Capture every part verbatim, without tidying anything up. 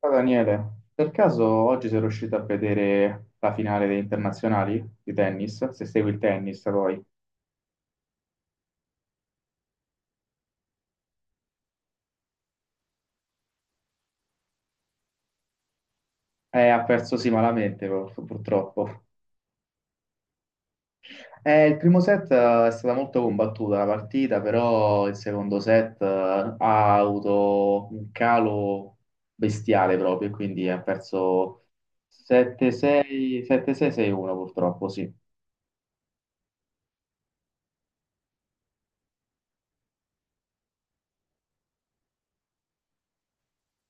Ciao Daniele, per caso oggi sei riuscito a vedere la finale dei internazionali di tennis? Se segui il tennis poi. Eh, ha perso sì malamente pur- purtroppo. Eh, il primo set eh, è stata molto combattuta la partita, però il secondo set eh, ha avuto un calo bestiale proprio, e quindi ha perso sette sei, sette sei, sei uno purtroppo, sì.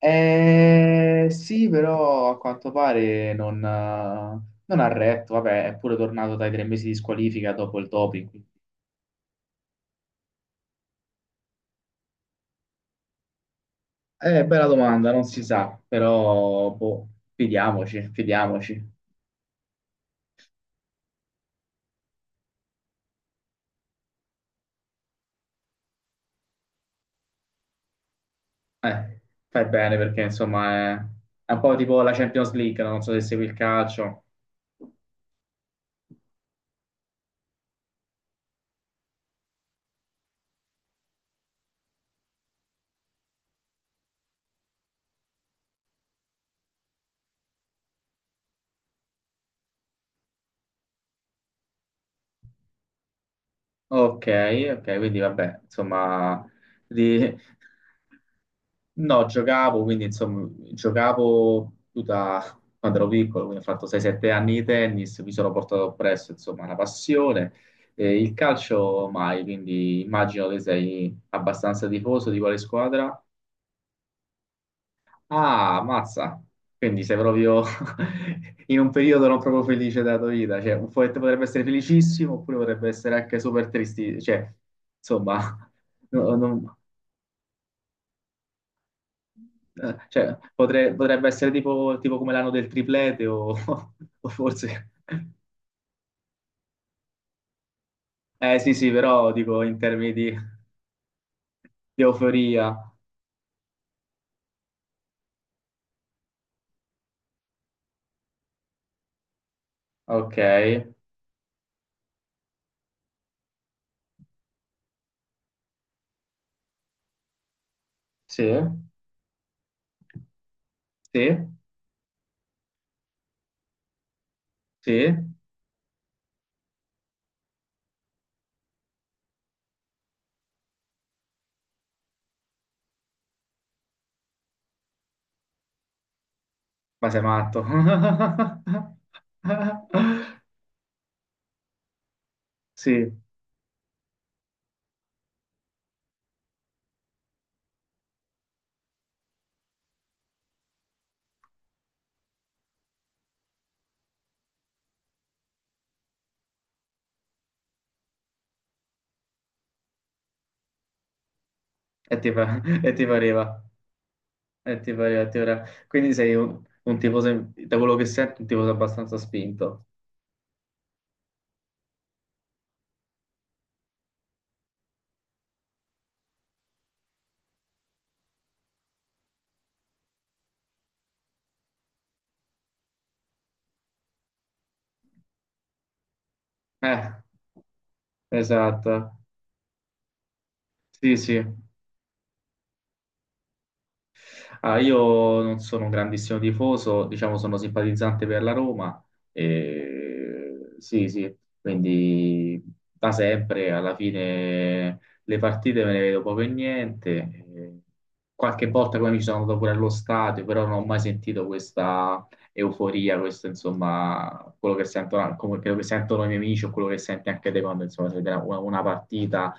Eh, sì, però a quanto pare non, eh, non ha retto. Vabbè, è pure tornato dai tre mesi di squalifica dopo il doping. quindi- Eh, bella domanda, non si sa, però boh, fidiamoci, fidiamoci. Eh, fai bene perché insomma è, è un po' tipo la Champions League, no? Non so se segui il calcio. Ok, ok, quindi vabbè, insomma, di- No, giocavo, quindi insomma, giocavo tutta- quando ero piccolo, quindi ho fatto sei sette anni di tennis, mi sono portato presso, insomma, una passione. E il calcio mai, quindi immagino che sei abbastanza tifoso di quale squadra? Ah, mazza! Quindi sei proprio in un periodo non proprio felice della tua vita, cioè un po' potrebbe essere felicissimo oppure potrebbe essere anche super tristi, cioè, insomma, no- non, Eh, cioè, potre- potrebbe essere tipo, tipo come l'anno del triplete o, o forse... Eh sì, sì, però dico in termini di, di euforia. Ok, sì, sì, sì, ma sei matto. Sì, e ti, fa- e ti pareva, e ti pareva, ti pareva. Quindi sei un, un tifoso, da quello che sento, un tifoso abbastanza spinto. Eh, esatto. Sì, sì. Ah, io non sono un grandissimo tifoso, diciamo sono simpatizzante per la Roma. e- Sì, sì, quindi da sempre alla fine le partite me ne vedo poco e niente. E qualche volta poi mi sono andato pure allo stadio, però non ho mai sentito questa euforia, questo insomma, quello che sentono, come- quello che sentono i miei amici o quello che senti anche te quando insomma si vede una, una partita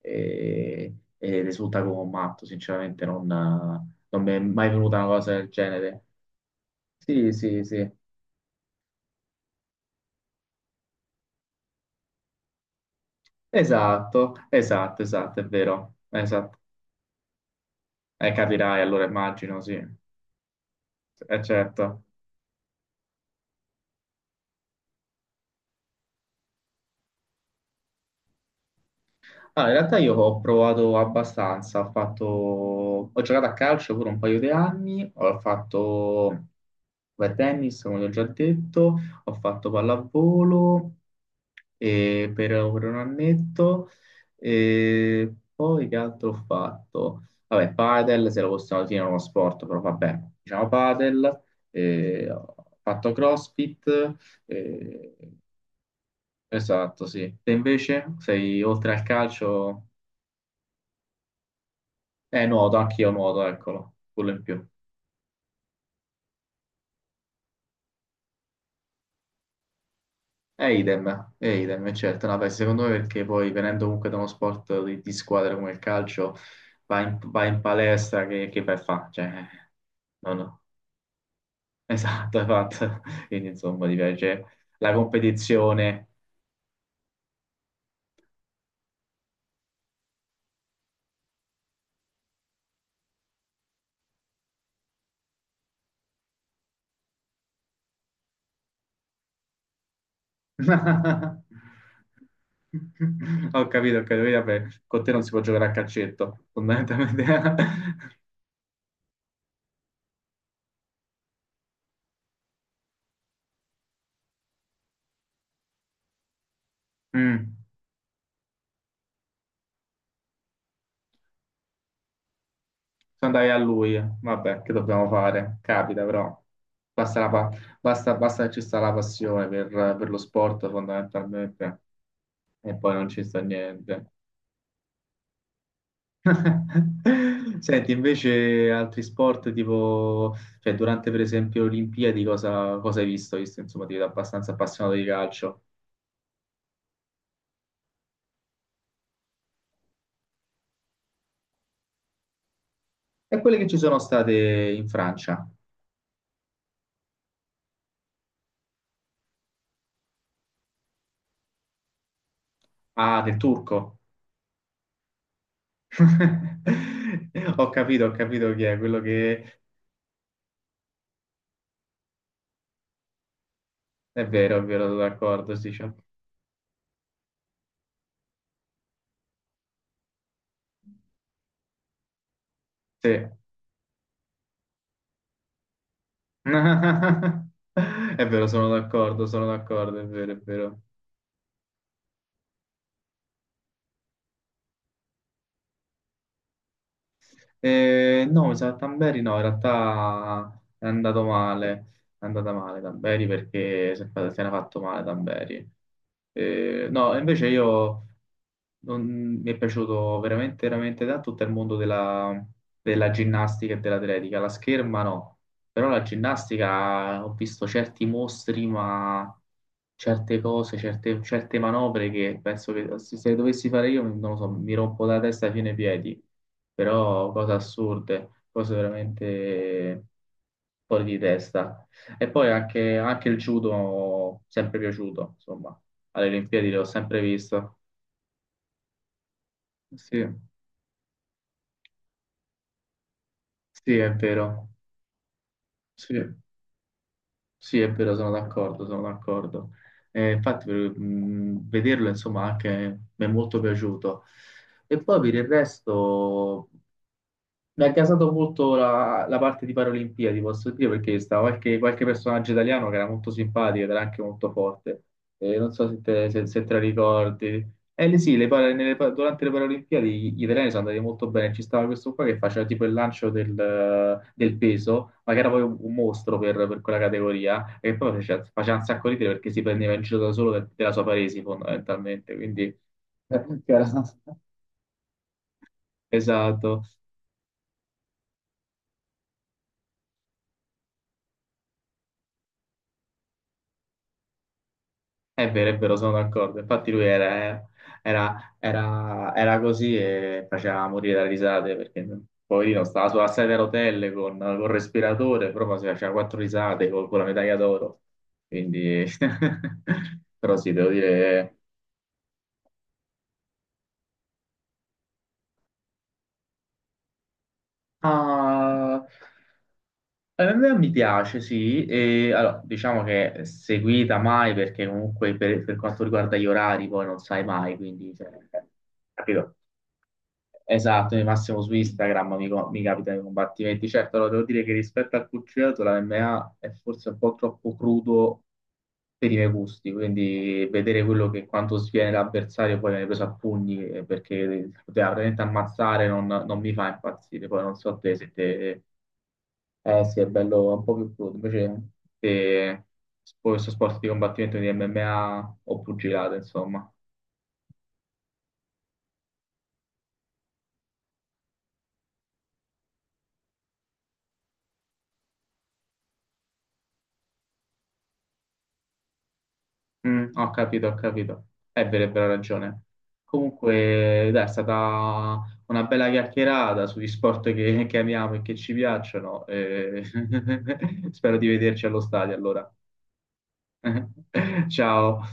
e, e risulta come un matto, sinceramente non non mi è mai venuta una cosa del genere. Sì, sì, sì, esatto, esatto, esatto, è vero, esatto. Eh, capirai, allora immagino, sì. Eh, certo. Ah, in realtà io ho provato abbastanza, ho fatto... ho giocato a calcio pure un paio di anni, ho fatto beh, tennis, come ti ho già detto, ho fatto pallavolo e per, per un annetto e poi che altro ho fatto? Vabbè, padel, se lo possiamo definire uno sport, però vabbè, diciamo padel, e ho fatto CrossFit, e- esatto, sì. Te invece sei oltre al calcio... Eh, nuoto, anch'io nuoto, eccolo, quello in più. E idem, e idem, e certo. No, beh, secondo me perché poi venendo comunque da uno sport di, di squadra come il calcio, vai in, vai in palestra, che, che vai a fa? Cioè, no, no, esatto, esatto. Quindi insomma ti piace la competizione. Ho capito, ho capito, quindi, vabbè, con te non si può giocare a calcetto, fondamentalmente. Mm. Andai a lui, vabbè, che dobbiamo fare? Capita, però basta, la pa- basta, basta che ci sta la passione per, per lo sport fondamentalmente e poi non ci sta niente. Senti, invece altri sport tipo, cioè durante per esempio le Olimpiadi, cosa, cosa hai visto? Hai visto, insomma, ti vedo abbastanza appassionato di calcio. E quelle che ci sono state in Francia? Ah, del turco. Ho capito, ho capito chi è quello che è vero, è vero, sono d'accordo, si dice. Sì. È vero, sono d'accordo, sono d'accordo, è vero, è vero. Eh, no, mi sa che Tamberi no, in realtà è andato male, è andata male Tamberi perché si è fa- se ne è fatto male Tamberi. Eh, no, invece io non- mi è piaciuto veramente, veramente tanto tutto il mondo della, della ginnastica e dell'atletica. La scherma no, però la ginnastica ho visto certi mostri, ma certe cose, certe, certe manovre che penso che se se le dovessi fare io, non lo so, mi rompo la testa fino ai piedi però cose assurde, cose veramente fuori di testa. E poi anche, anche il judo, sempre piaciuto, insomma, alle Olimpiadi l'ho sempre visto. Sì, sì, è vero, sì, sì, è vero, sono d'accordo, sono d'accordo. Eh, infatti, per- mh, vederlo, insomma, anche mi è molto piaciuto. E poi per il resto. Mi ha gasato molto la, la parte di Paralimpiadi, posso dire, perché stava qualche, qualche personaggio italiano che era molto simpatico ed era anche molto forte. Eh, non so se te, se- se te la ricordi. Eh le- sì, le para- nelle pa- durante le Paralimpiadi gli gli italiani sono andati molto bene. Ci stava questo qua che faceva tipo il lancio del, del peso, ma che era poi un, un mostro per, per quella categoria, e poi faceva, faceva un sacco ridere perché si prendeva in giro da solo del- della sua paresi, fondamentalmente. Quindi, che era- Esatto. È vero, è vero, sono d'accordo. Infatti lui era, era- era- era così e faceva morire da risate perché poverino stava sulla sedia a rotelle con, col respiratore, proprio si faceva quattro risate con, con la medaglia d'oro. Quindi, però sì, devo dire... Ah, a me mi piace, sì. E, allora, diciamo che seguita mai perché comunque per, per quanto riguarda gli orari poi non sai mai, quindi... cioè, capito? Esatto, io massimo su Instagram mi, co- mi capita i combattimenti. Certo, allora devo dire che rispetto al pugilato la M M A è forse un po' troppo crudo per i miei gusti, quindi vedere quello che quanto sviene l'avversario poi viene preso a pugni eh, perché poteva veramente ammazzare non, non mi fa impazzire. Poi non so te se te... Eh sì, è bello è un po' più crudo. Invece te, questo sport di combattimento di M M A o pugilato, insomma. Mm, ho capito, ho capito. È vero, è vero, hai ragione. Comunque, dai, è stata una bella chiacchierata sugli sport che, che amiamo e che ci piacciono, e spero di vederci allo stadio allora. Ciao.